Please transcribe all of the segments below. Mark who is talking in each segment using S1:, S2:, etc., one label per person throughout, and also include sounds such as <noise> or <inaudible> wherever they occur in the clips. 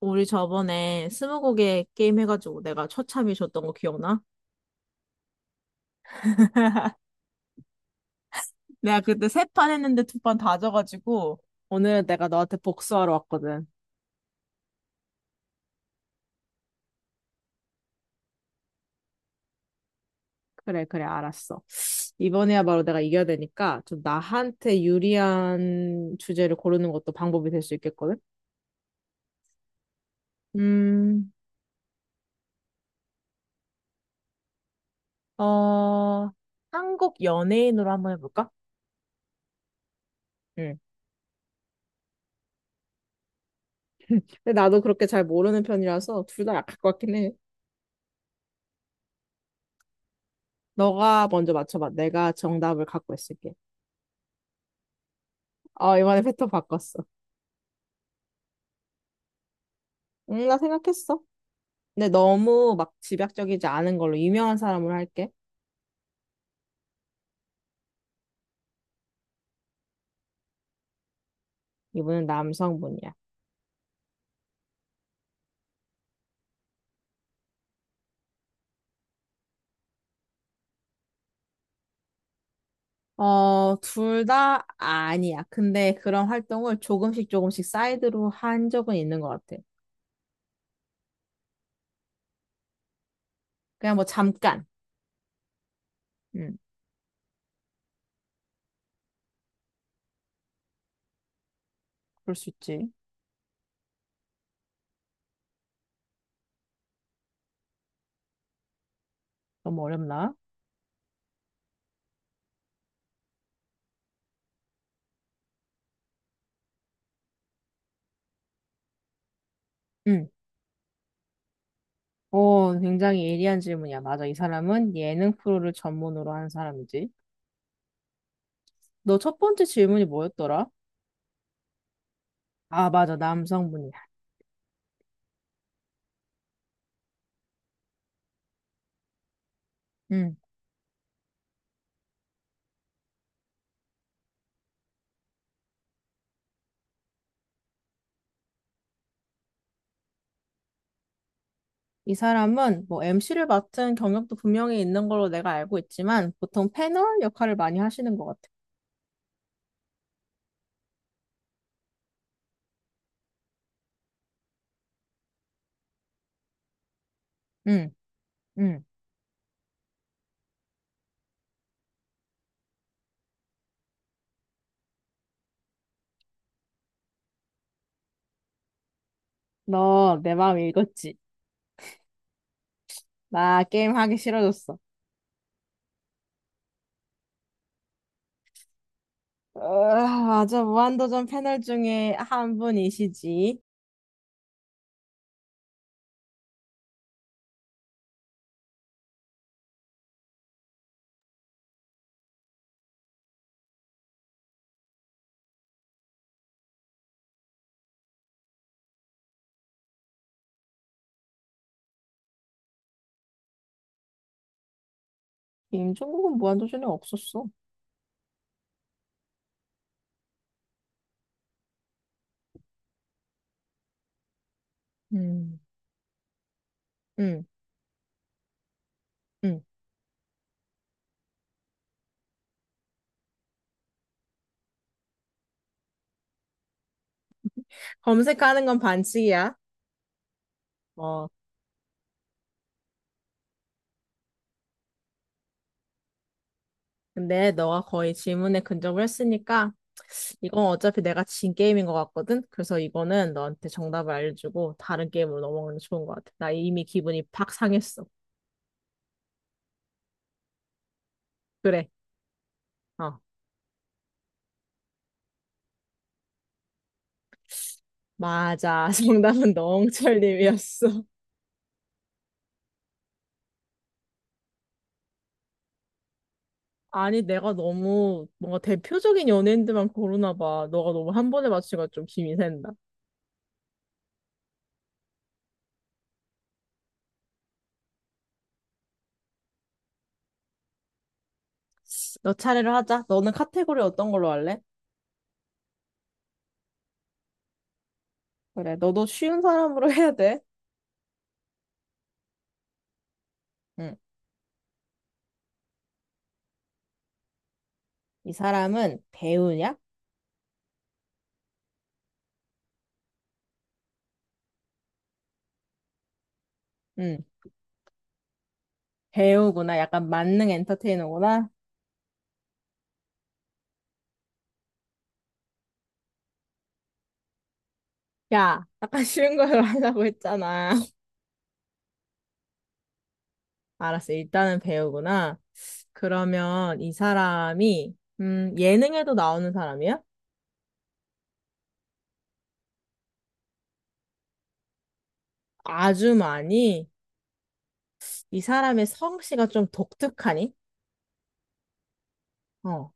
S1: 우리 저번에 스무고개 게임 해가지고 내가 처참히 졌던 거 기억나? 내가 그때 세 판 했는데 두 판 다 져가지고 오늘 내가 너한테 복수하러 왔거든. 그래, 그래, 알았어. 이번에야말로 내가 이겨야 되니까 좀 나한테 유리한 주제를 고르는 것도 방법이 될 수 있겠거든. 음, 어, 한국 연예인으로 한번 해볼까? 응. <laughs> 근데 나도 그렇게 잘 모르는 편이라서 둘 다 약할 것 같긴 해. 너가 먼저 맞춰봐. 내가 정답을 갖고 있을게. 어, 이번에 패턴 바꿨어. 응, 나 생각했어. 근데 너무 막 집약적이지 않은 걸로 유명한 사람으로 할게. 이분은 남성분이야. 어, 둘 다 아니야. 근데 그런 활동을 조금씩 조금씩 사이드로 한 적은 있는 것 같아. 그냥 뭐 잠깐. 응, 그럴 수 있지. 너무 어렵나? 응, 오, 굉장히 예리한 질문이야. 맞아. 이 사람은 예능 프로를 전문으로 하는 사람이지. 너 첫 번째 질문이 뭐였더라? 아, 맞아. 남성분이야. 응. 이 사람은 뭐 MC를 맡은 경력도 분명히 있는 걸로 내가 알고 있지만 보통 패널 역할을 많이 하시는 것 같아. 응, 응. 너 내 마음 읽었지? 나 게임 하기 싫어졌어. 으, 맞아. 무한도전 패널 중에 한 분이시지. 임종국은 무한도전에 없었어. 음. 응, 응. 검색하는 건 반칙이야. 어, 근데 너가 거의 질문에 근접을 했으니까 이건 어차피 내가 진 게임인 것 같거든? 그래서 이거는 너한테 정답을 알려주고 다른 게임으로 넘어가는 게 좋은 것 같아. 나 이미 기분이 팍 상했어. 그래. 어. 맞아. <laughs> 정답은 너홍철님이었어. 아니, 내가 너무 뭔가 대표적인 연예인들만 고르나 봐. 너가 너무 한 번에 맞추니까 좀 힘이 센다. 너 차례를 하자. 너는 카테고리 어떤 걸로 할래? 그래, 너도 쉬운 사람으로 해야 돼. 응. 이 사람은 배우냐? 응. 배우구나. 약간 만능 엔터테이너구나. 야, 아까 쉬운 걸로 <laughs> 하자고 했잖아. <laughs> 알았어. 일단은 배우구나. 그러면 이 사람이, 예능에도 나오는 사람이야? 아주 많이. 이 사람의 성씨가 좀 독특하니? 어,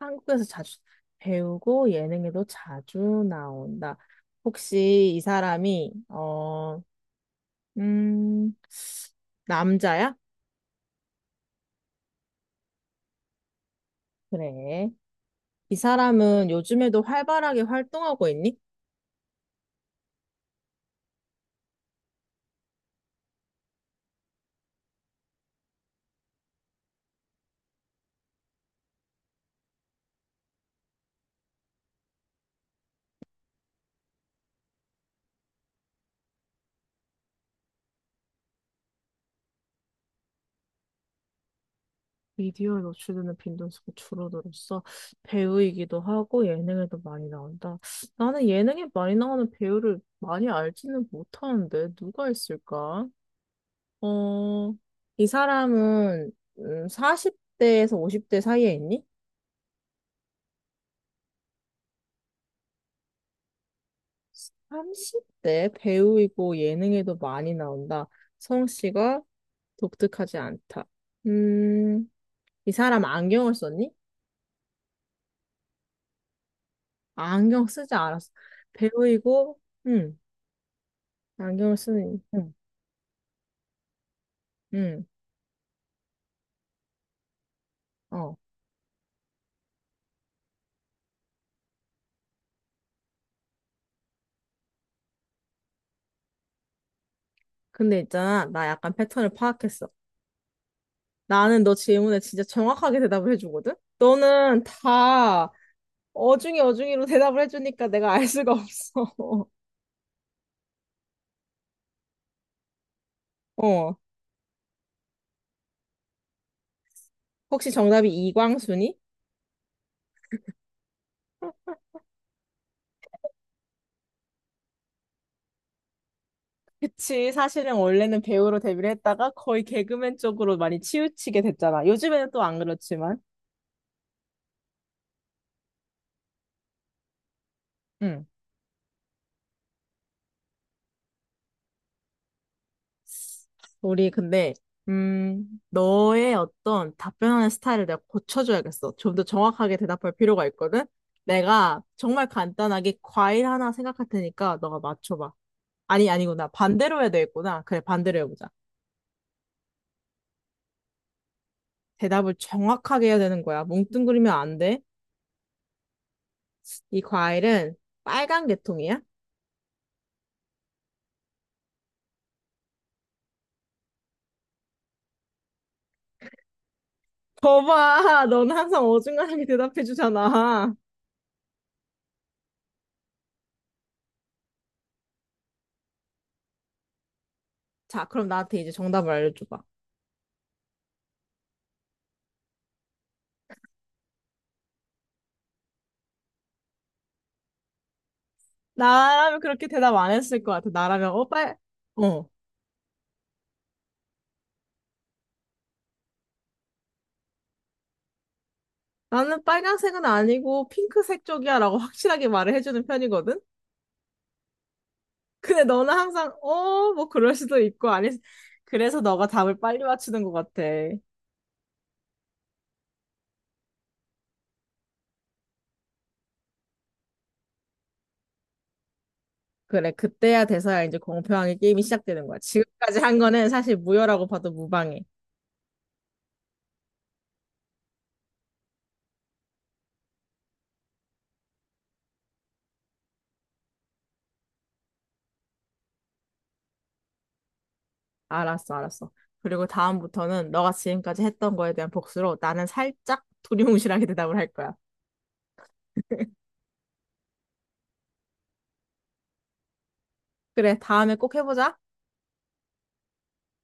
S1: 한국에서 자주 배우고 예능에도 자주 나온다. 혹시 이 사람이, 음, 남자야? 그래. 이 사람은 요즘에도 활발하게 활동하고 있니? 미디어에 노출되는 빈도수가 줄어들었어. 배우이기도 하고 예능에도 많이 나온다. 나는 예능에 많이 나오는 배우를 많이 알지는 못하는데 누가 있을까? 어, 이 사람은 40대에서 50대 사이에 있니? 30대 배우이고 예능에도 많이 나온다. 성씨가 독특하지 않다. 음, 이 사람 안경을 썼니? 안경 쓰지 않았어. 배우이고, 음, 안경을 쓰는, 응. 응, 어. 근데 있잖아, 나 약간 패턴을 파악했어. 나는 너 질문에 진짜 정확하게 대답을 해주거든? 너는 다 어중이 어중이로 <laughs> 대답을 해주니까 내가 알 수가 없어. <laughs> 어. 혹시 정답이 이광순이? 그치, 사실은 원래는 배우로 데뷔를 했다가 거의 개그맨 쪽으로 많이 치우치게 됐잖아. 요즘에는 또 안 그렇지만. 응. 우리 근데 너의 어떤 답변하는 스타일을 내가 고쳐줘야겠어. 좀 더 정확하게 대답할 필요가 있거든. 내가 정말 간단하게 과일 하나 생각할 테니까 너가 맞춰봐. 아니, 아니구나. 반대로 해야 되겠구나. 그래, 반대로 해보자. 대답을 정확하게 해야 되는 거야. 뭉뚱그리면 안 돼. 이 과일은 빨간 계통이야? 거봐, <laughs> 너는 항상 어중간하게 대답해주잖아. 자, 그럼 나한테 이제 정답을 알려줘봐. 나라면 그렇게 대답 안 했을 것 같아. 나라면, 어, 빨, 어. 나는 빨간색은 아니고 핑크색 쪽이야 라고 <laughs> 확실하게 말을 해주는 편이거든? 근데 너는 항상, 뭐 그럴 수도 있고, 아니, 그래서 너가 답을 빨리 맞추는 것 같아. 그래, 그때야 돼서야 이제 공평하게 게임이 시작되는 거야. 지금까지 한 거는 사실 무효라고 봐도 무방해. 알았어, 알았어. 그리고 다음부터는 너가 지금까지 했던 거에 대한 복수로 나는 살짝 두리뭉실하게 대답을 할 거야. 그래, 다음에 꼭 해보자.